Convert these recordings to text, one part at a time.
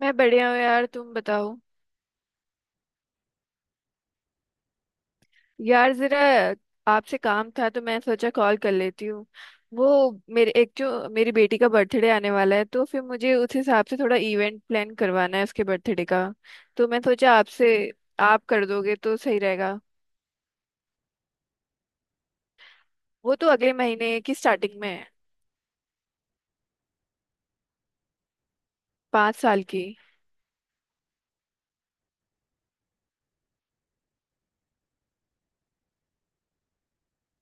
मैं बढ़िया हूँ यार, तुम बताओ। यार जरा आपसे काम था तो मैं सोचा कॉल कर लेती हूँ। वो मेरे एक जो मेरी बेटी का बर्थडे आने वाला है तो फिर मुझे उस हिसाब से थोड़ा इवेंट प्लान करवाना है उसके बर्थडे का। तो मैं सोचा आपसे आप कर दोगे तो सही रहेगा। वो तो अगले महीने की स्टार्टिंग में है। 5 साल की।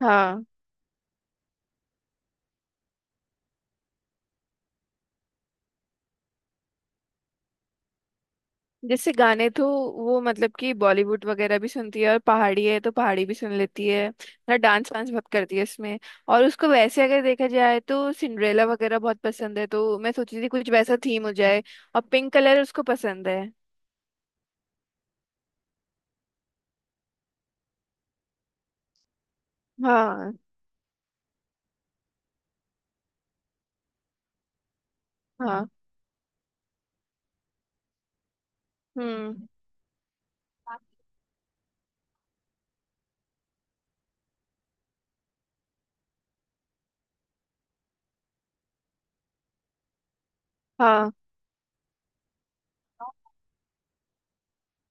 हाँ। जैसे गाने तो वो मतलब कि बॉलीवुड वगैरह भी सुनती है और पहाड़ी है तो पहाड़ी भी सुन लेती है ना। डांस वांस बहुत करती है इसमें। और उसको वैसे अगर देखा जाए तो सिंड्रेला वगैरह बहुत पसंद है तो मैं सोची थी कुछ वैसा थीम हो जाए। और पिंक कलर उसको पसंद है। हाँ। हाँ। हम्म। हाँ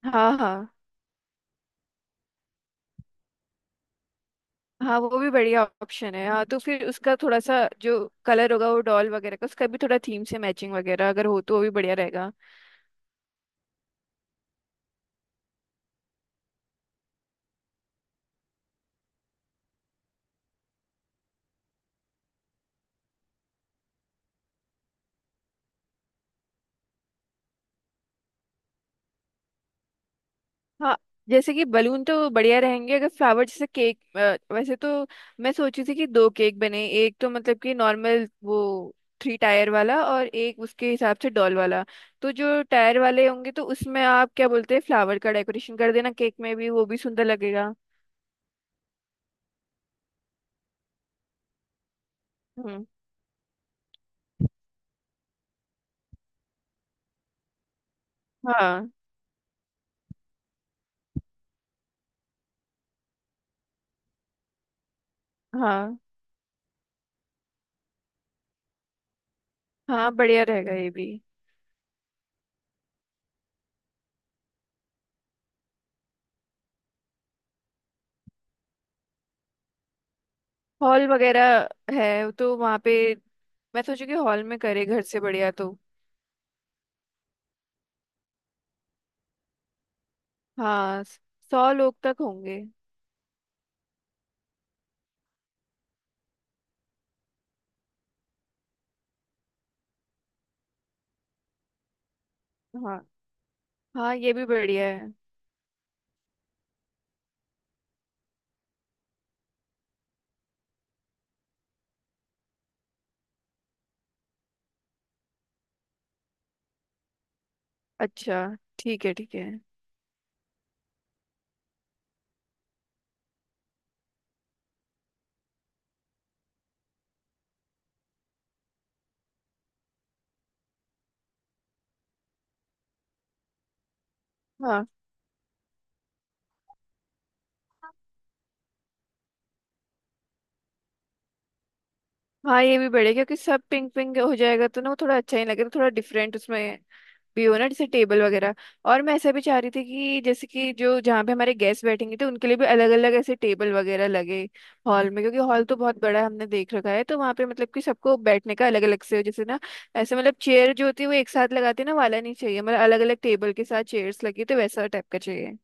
हाँ। हाँ। हाँ, वो भी बढ़िया ऑप्शन है। हाँ तो फिर उसका थोड़ा सा जो कलर होगा वो डॉल वगैरह का उसका भी थोड़ा थीम से मैचिंग वगैरह अगर हो तो वो भी बढ़िया रहेगा। हाँ जैसे कि बलून तो बढ़िया रहेंगे। अगर फ्लावर जैसे केक वैसे तो मैं सोची थी कि दो केक बने, एक तो मतलब कि नॉर्मल वो थ्री टायर वाला और एक उसके हिसाब से डॉल वाला। तो जो टायर वाले होंगे तो उसमें आप क्या बोलते हैं फ्लावर का डेकोरेशन कर देना केक में भी, वो भी सुंदर लगेगा। हम्म। हाँ। हाँ। हाँ बढ़िया रहेगा ये भी। हॉल वगैरह है तो वहाँ पे मैं सोचू कि हॉल में करे घर से बढ़िया तो। हाँ 100 लोग तक होंगे। हाँ। हाँ ये भी बढ़िया है। अच्छा ठीक है, ठीक है। हाँ। हाँ ये भी बढ़िया क्योंकि सब पिंक पिंक हो जाएगा तो ना वो थोड़ा अच्छा ही लगेगा। थोड़ा डिफरेंट उसमें भी हो ना जैसे टेबल वगैरह। और मैं ऐसा भी चाह रही थी कि जैसे कि जो जहाँ पे हमारे गेस्ट बैठेंगे तो उनके लिए भी अलग अलग ऐसे टेबल वगैरह लगे हॉल में, क्योंकि हॉल तो बहुत बड़ा है, हमने देख रखा है तो वहाँ पे मतलब कि सबको बैठने का अलग अलग से हो जैसे ना। ऐसे मतलब चेयर जो होती है वो एक साथ लगाते हैं ना वाला नहीं चाहिए, मतलब अलग अलग टेबल के साथ चेयर्स लगी तो वैसा टाइप का चाहिए।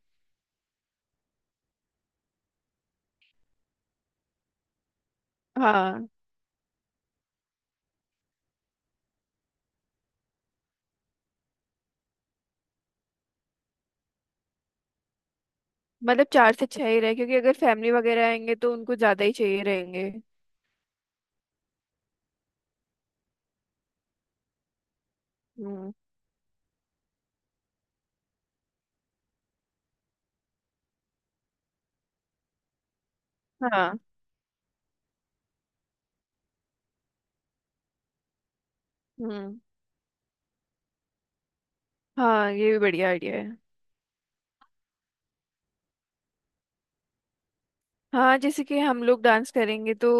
हाँ मतलब चार से छह ही रहे क्योंकि अगर फैमिली वगैरह आएंगे तो उनको ज्यादा ही चाहिए रहेंगे। हम्म। हाँ। हम्म। हाँ ये भी बढ़िया आइडिया है। हाँ जैसे कि हम लोग डांस करेंगे तो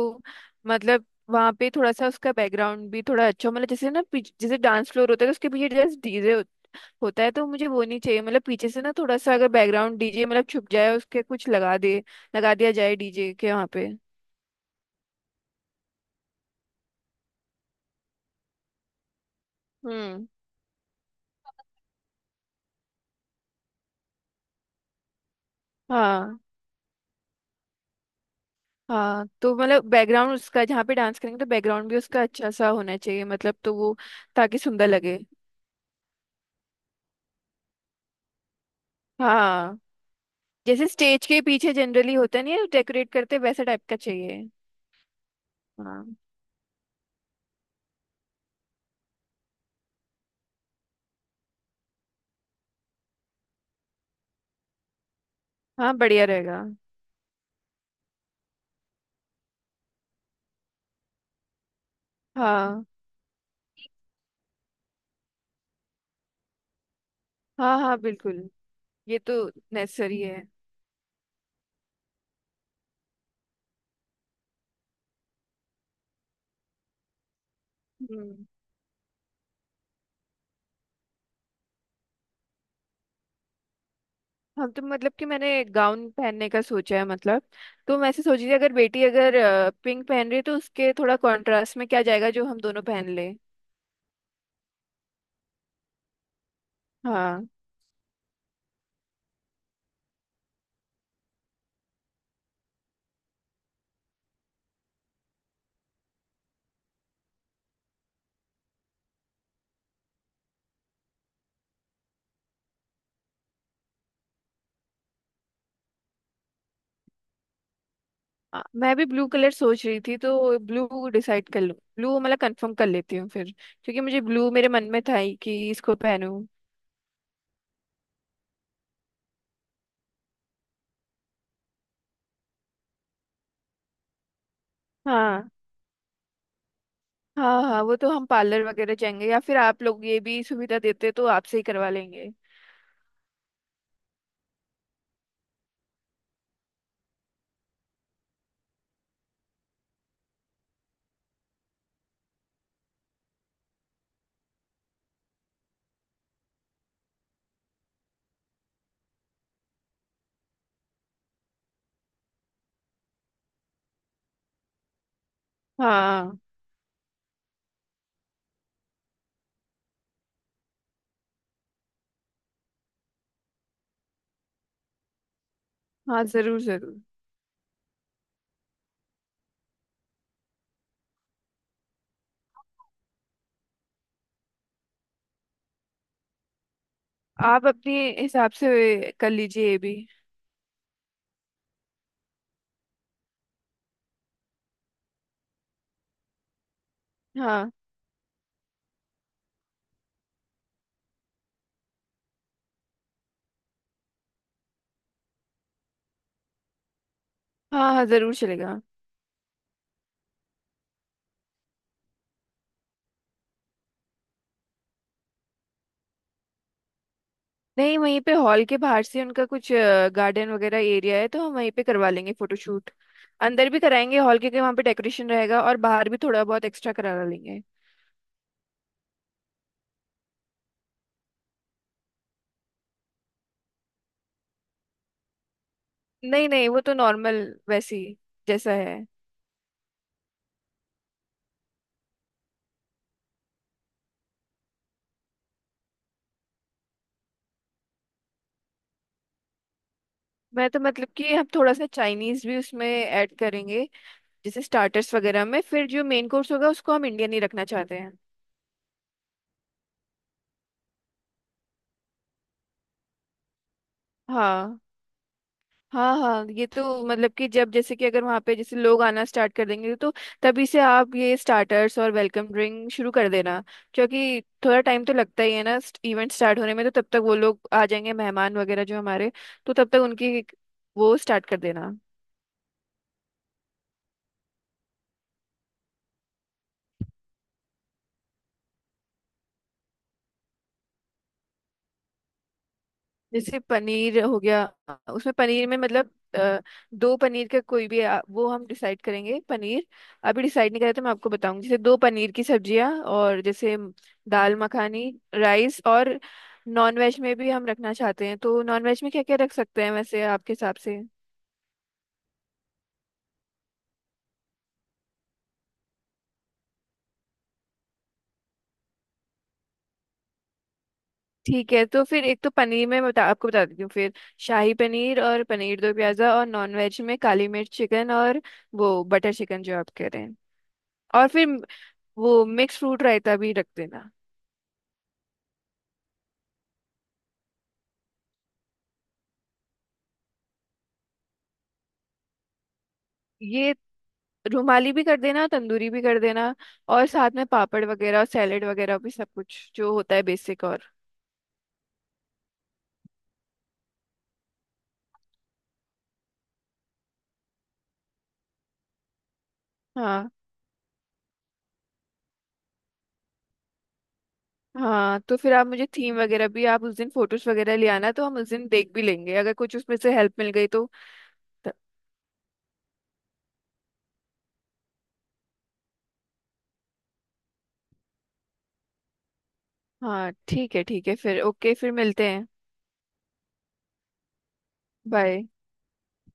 मतलब वहाँ पे थोड़ा सा उसका बैकग्राउंड भी थोड़ा अच्छा हो। मतलब जैसे ना जैसे डांस फ्लोर होता है तो उसके पीछे जस्ट डीजे होता है तो मुझे वो नहीं चाहिए। मतलब पीछे से ना थोड़ा सा अगर बैकग्राउंड डीजे मतलब छुप जाए उसके कुछ लगा दे, लगा दिया जाए डीजे के वहाँ पे। हम्म। हाँ। हाँ तो मतलब बैकग्राउंड उसका जहाँ पे डांस करेंगे तो बैकग्राउंड भी उसका अच्छा सा होना चाहिए मतलब, तो वो ताकि सुंदर लगे। हाँ जैसे स्टेज के पीछे जनरली होता नहीं है डेकोरेट करते, वैसा टाइप का चाहिए। हाँ। हाँ बढ़िया रहेगा। हाँ। हाँ हाँ बिल्कुल। ये तो नेसेसरी है। हम्म। हम तो मतलब कि मैंने गाउन पहनने का सोचा है मतलब। तो मैं ऐसे सोच रही थी अगर बेटी अगर पिंक पहन रही है तो उसके थोड़ा कॉन्ट्रास्ट में क्या जाएगा जो हम दोनों पहन ले। हाँ। मैं भी ब्लू कलर सोच रही थी तो ब्लू डिसाइड कर लूँ, ब्लू मतलब कंफर्म कर लेती हूँ फिर, क्योंकि मुझे ब्लू मेरे मन में था ही कि इसको पहनूं। हाँ। हाँ हाँ, वो तो हम पार्लर वगैरह जाएंगे या फिर आप लोग ये भी सुविधा देते तो आपसे ही करवा लेंगे। हाँ हाँ जरूर जरूर। आप अपने हिसाब से कर लीजिए ये भी। हाँ। हाँ हाँ जरूर चलेगा। नहीं वहीं पे हॉल के बाहर से उनका कुछ गार्डन वगैरह एरिया है तो हम वहीं पे करवा लेंगे फोटोशूट। अंदर भी कराएंगे हॉल के, वहाँ पे डेकोरेशन रहेगा और बाहर भी थोड़ा बहुत एक्स्ट्रा करा लेंगे। नहीं नहीं वो तो नॉर्मल वैसी जैसा है। मैं तो मतलब कि हम थोड़ा सा चाइनीज भी उसमें ऐड करेंगे जैसे स्टार्टर्स वगैरह में, फिर जो मेन कोर्स होगा उसको हम इंडियन ही रखना चाहते हैं। हाँ। हाँ हाँ ये तो मतलब कि जब जैसे कि अगर वहाँ पे जैसे लोग आना स्टार्ट कर देंगे तो तभी से आप ये स्टार्टर्स और वेलकम ड्रिंक शुरू कर देना क्योंकि थोड़ा टाइम तो लगता ही है ना इवेंट स्टार्ट होने में, तो तब तक वो लोग आ जाएंगे मेहमान वगैरह जो हमारे, तो तब तक उनकी वो स्टार्ट कर देना। जैसे पनीर हो गया, उसमें पनीर में मतलब अ, दो पनीर का कोई भी वो हम डिसाइड करेंगे। पनीर अभी डिसाइड नहीं करा तो मैं आपको बताऊंगी, जैसे दो पनीर की सब्जियां और जैसे दाल मखानी राइस। और नॉन वेज में भी हम रखना चाहते हैं तो नॉन वेज में क्या क्या रख सकते हैं वैसे आपके हिसाब से। ठीक है तो फिर एक तो पनीर में बता आपको बता देती हूँ फिर, शाही पनीर और पनीर दो प्याजा, और नॉन वेज में काली मिर्च चिकन और वो बटर चिकन जो आप कह रहे हैं। और फिर वो मिक्स फ्रूट रायता भी रख देना। ये रुमाली भी कर देना तंदूरी भी कर देना। और साथ में पापड़ वगैरह और सैलेड वगैरह भी सब कुछ जो होता है बेसिक और। हाँ। हाँ तो फिर आप मुझे थीम वगैरह भी आप उस दिन फोटोज वगैरह ले आना तो हम उस दिन देख भी लेंगे अगर कुछ उसमें से हेल्प मिल गई तो, तो। हाँ ठीक है फिर, ओके फिर मिलते हैं। बाय।